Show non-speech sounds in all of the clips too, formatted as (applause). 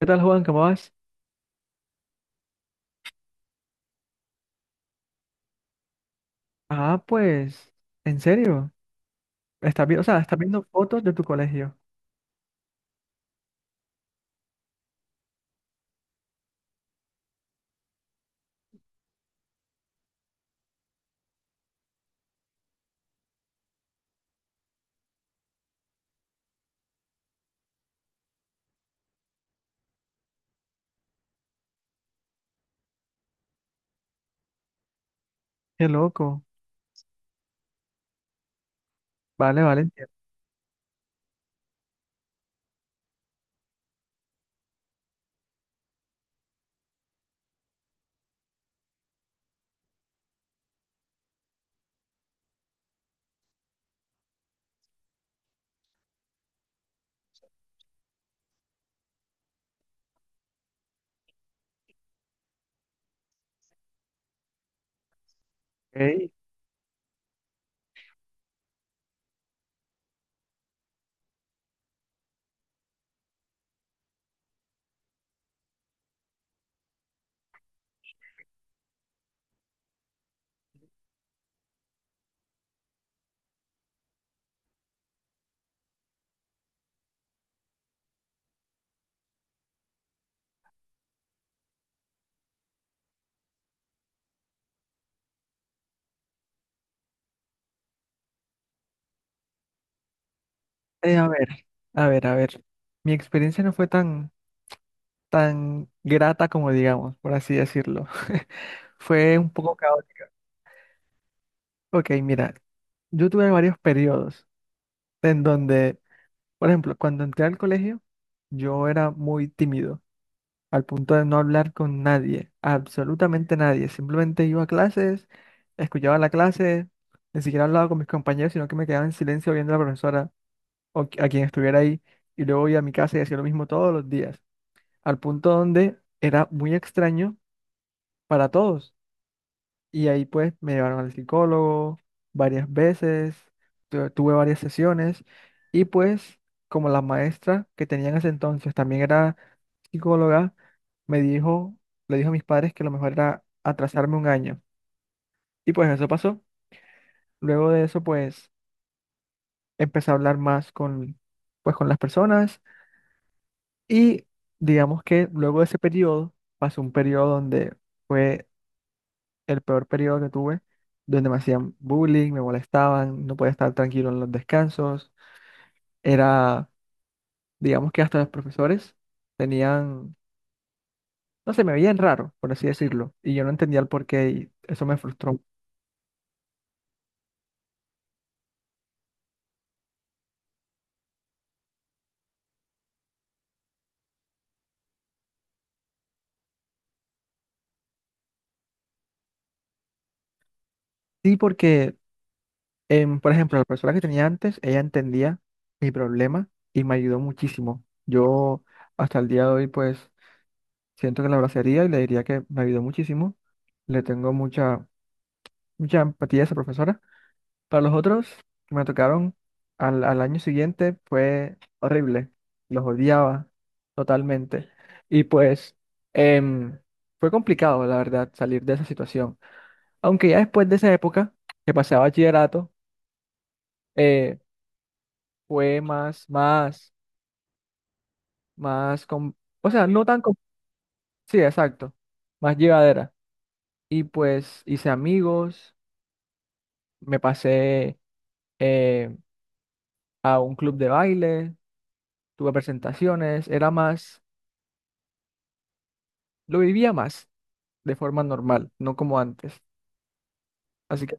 ¿Qué tal, Juan? ¿Cómo vas? Ah, pues, en serio. Estás vi- o sea, estás viendo fotos de tu colegio. Qué loco. Vale, vale, entiendo. Ok. Eh, a ver, a ver, a ver. Mi experiencia no fue tan grata como digamos, por así decirlo. (laughs) Fue un poco caótica. Ok, mira, yo tuve varios periodos en donde, por ejemplo, cuando entré al colegio, yo era muy tímido, al punto de no hablar con nadie, absolutamente nadie. Simplemente iba a clases, escuchaba la clase, ni siquiera hablaba con mis compañeros, sino que me quedaba en silencio viendo a la profesora a quien estuviera ahí. Y luego iba a mi casa y hacía lo mismo todos los días, al punto donde era muy extraño para todos. Y ahí pues me llevaron al psicólogo varias veces, tuve varias sesiones y pues como la maestra que tenía en ese entonces también era psicóloga, me dijo, le dijo a mis padres que lo mejor era atrasarme un año. Y pues eso pasó. Luego de eso pues empecé a hablar más pues, con las personas y digamos que luego de ese periodo pasó un periodo donde fue el peor periodo que tuve, donde me hacían bullying, me molestaban, no podía estar tranquilo en los descansos. Era, digamos que hasta los profesores tenían, no sé, me veían raro, por así decirlo, y yo no entendía el porqué y eso me frustró. Sí, porque, por ejemplo, la profesora que tenía antes, ella entendía mi problema y me ayudó muchísimo. Yo hasta el día de hoy, pues, siento que la abrazaría y le diría que me ayudó muchísimo. Le tengo mucha empatía a esa profesora. Para los otros que me tocaron al año siguiente fue horrible. Los odiaba totalmente. Y pues em, fue complicado, la verdad, salir de esa situación. Aunque ya después de esa época que pasé a bachillerato, eh, fue más, más, no tan, sí, exacto, más llevadera. Y pues hice amigos, me pasé eh, a un club de baile, tuve presentaciones, era más. Lo vivía más de forma normal, no como antes. Así que,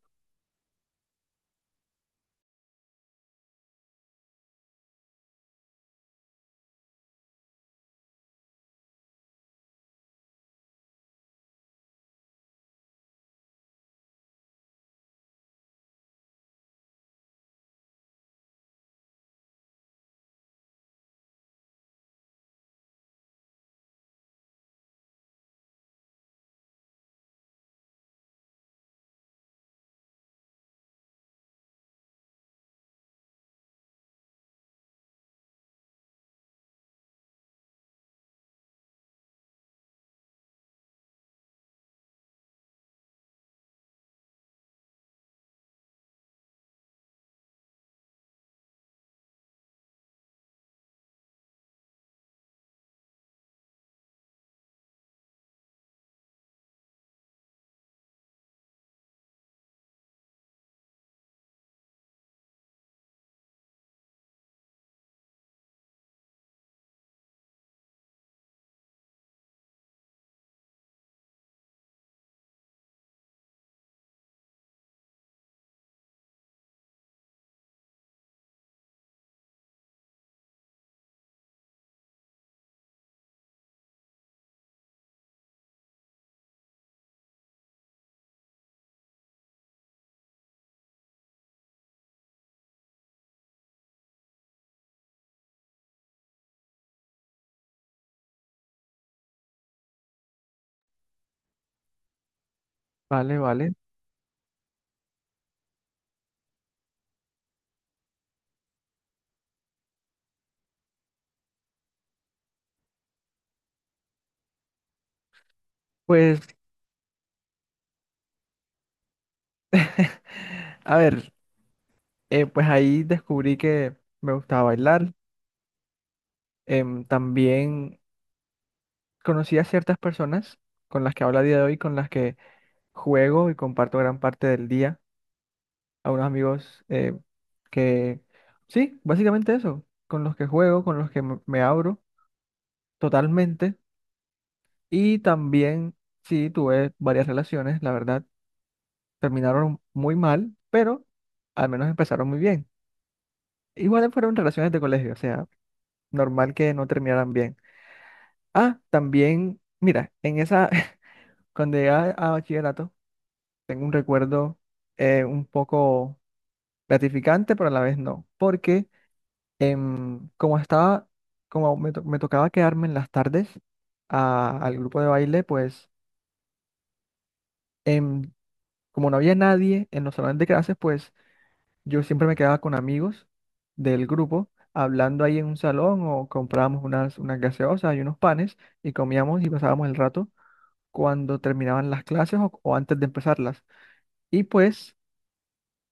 vale, vale. Pues, a ver, pues ahí descubrí que me gustaba bailar. También conocí a ciertas personas con las que hablo a día de hoy, con las que juego y comparto gran parte del día. A unos amigos que, sí, básicamente eso, con los que juego, con los que me abro totalmente. Y también, sí, tuve varias relaciones, la verdad. Terminaron muy mal, pero al menos empezaron muy bien. Igual fueron relaciones de colegio, o sea, normal que no terminaran bien. Ah, también, mira, en esa, (laughs) cuando llegué a bachillerato, tengo un recuerdo un poco gratificante, pero a la vez no, porque em, como estaba, como me, to- me tocaba quedarme en las tardes al grupo de baile, pues em, como no había nadie en los salones de clases, pues yo siempre me quedaba con amigos del grupo hablando ahí en un salón o comprábamos unas gaseosas y unos panes y comíamos y pasábamos el rato cuando terminaban las clases o antes de empezarlas. Y pues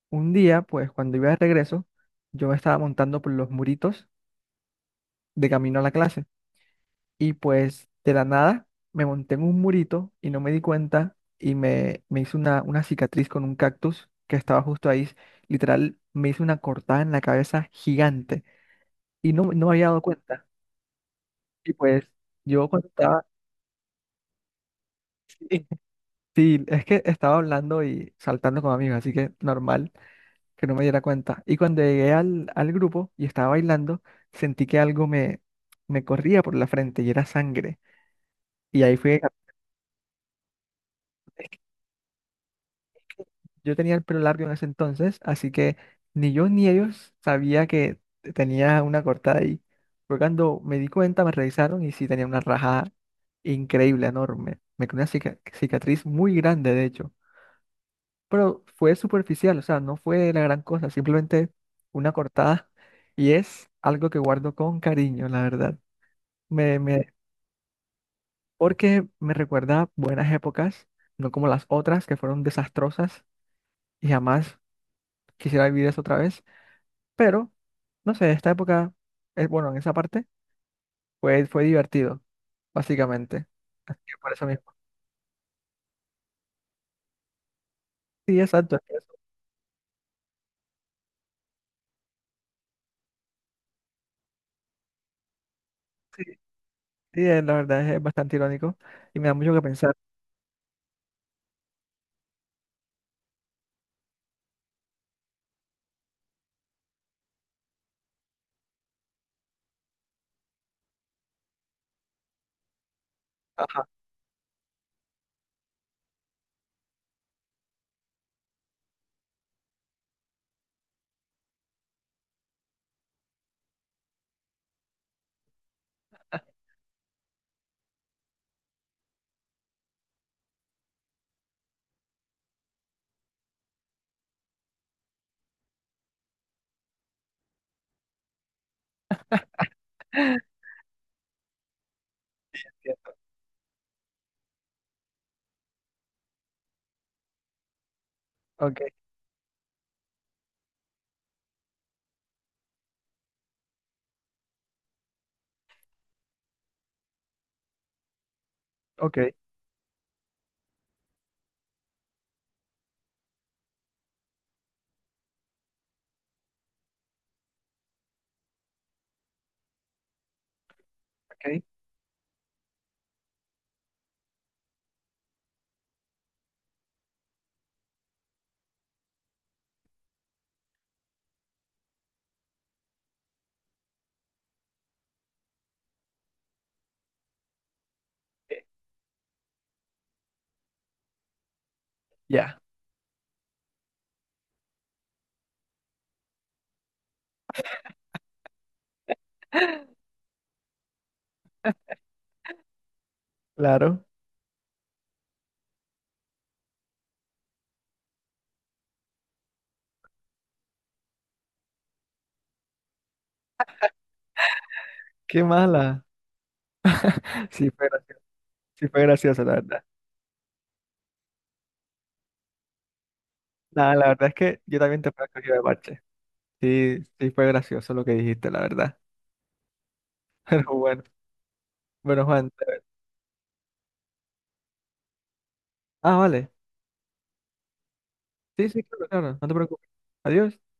un día, pues cuando iba de regreso, yo me estaba montando por los muritos de camino a la clase y pues de la nada me monté en un murito y no me di cuenta me hice una cicatriz con un cactus que estaba justo ahí. Literal, me hice una cortada en la cabeza gigante. Y no me había dado cuenta. Y pues yo cuando estaba, (laughs) sí, es que estaba hablando y saltando con amigos, así que normal que no me diera cuenta. Y cuando llegué al grupo y estaba bailando, sentí que me corría por la frente y era sangre. Y ahí fue, es que yo tenía el pelo largo en ese entonces, así que ni yo ni ellos sabía que tenía una cortada ahí. Fue cuando me di cuenta, me revisaron y sí tenía una rajada increíble, enorme. Me quedó una cicatriz muy grande, de hecho. Pero fue superficial, o sea, no fue la gran cosa, simplemente una cortada y es algo que guardo con cariño, la verdad. Me, me, porque me recuerda buenas épocas, no como las otras que fueron desastrosas y jamás quisiera vivir eso otra vez, pero no sé, esta época, es bueno, en esa parte fue divertido, básicamente. Así que por eso mismo. Sí, exacto. Es que eso- sí, sí, la verdad es bastante irónico y me da mucho que pensar. Ajá. (laughs) Entiendo. Ok, ok, ok. Ya, claro. Qué mala. Sí fue, graci- sí fue gracioso, la verdad. Nada, la verdad es que yo también te fui cogido de parche. Sí, sí fue gracioso lo que dijiste, la verdad. (laughs) Pero bueno, bueno, Juan, te- Ah, vale. Sí, sí, claro, claro. No te preocupes. Adiós.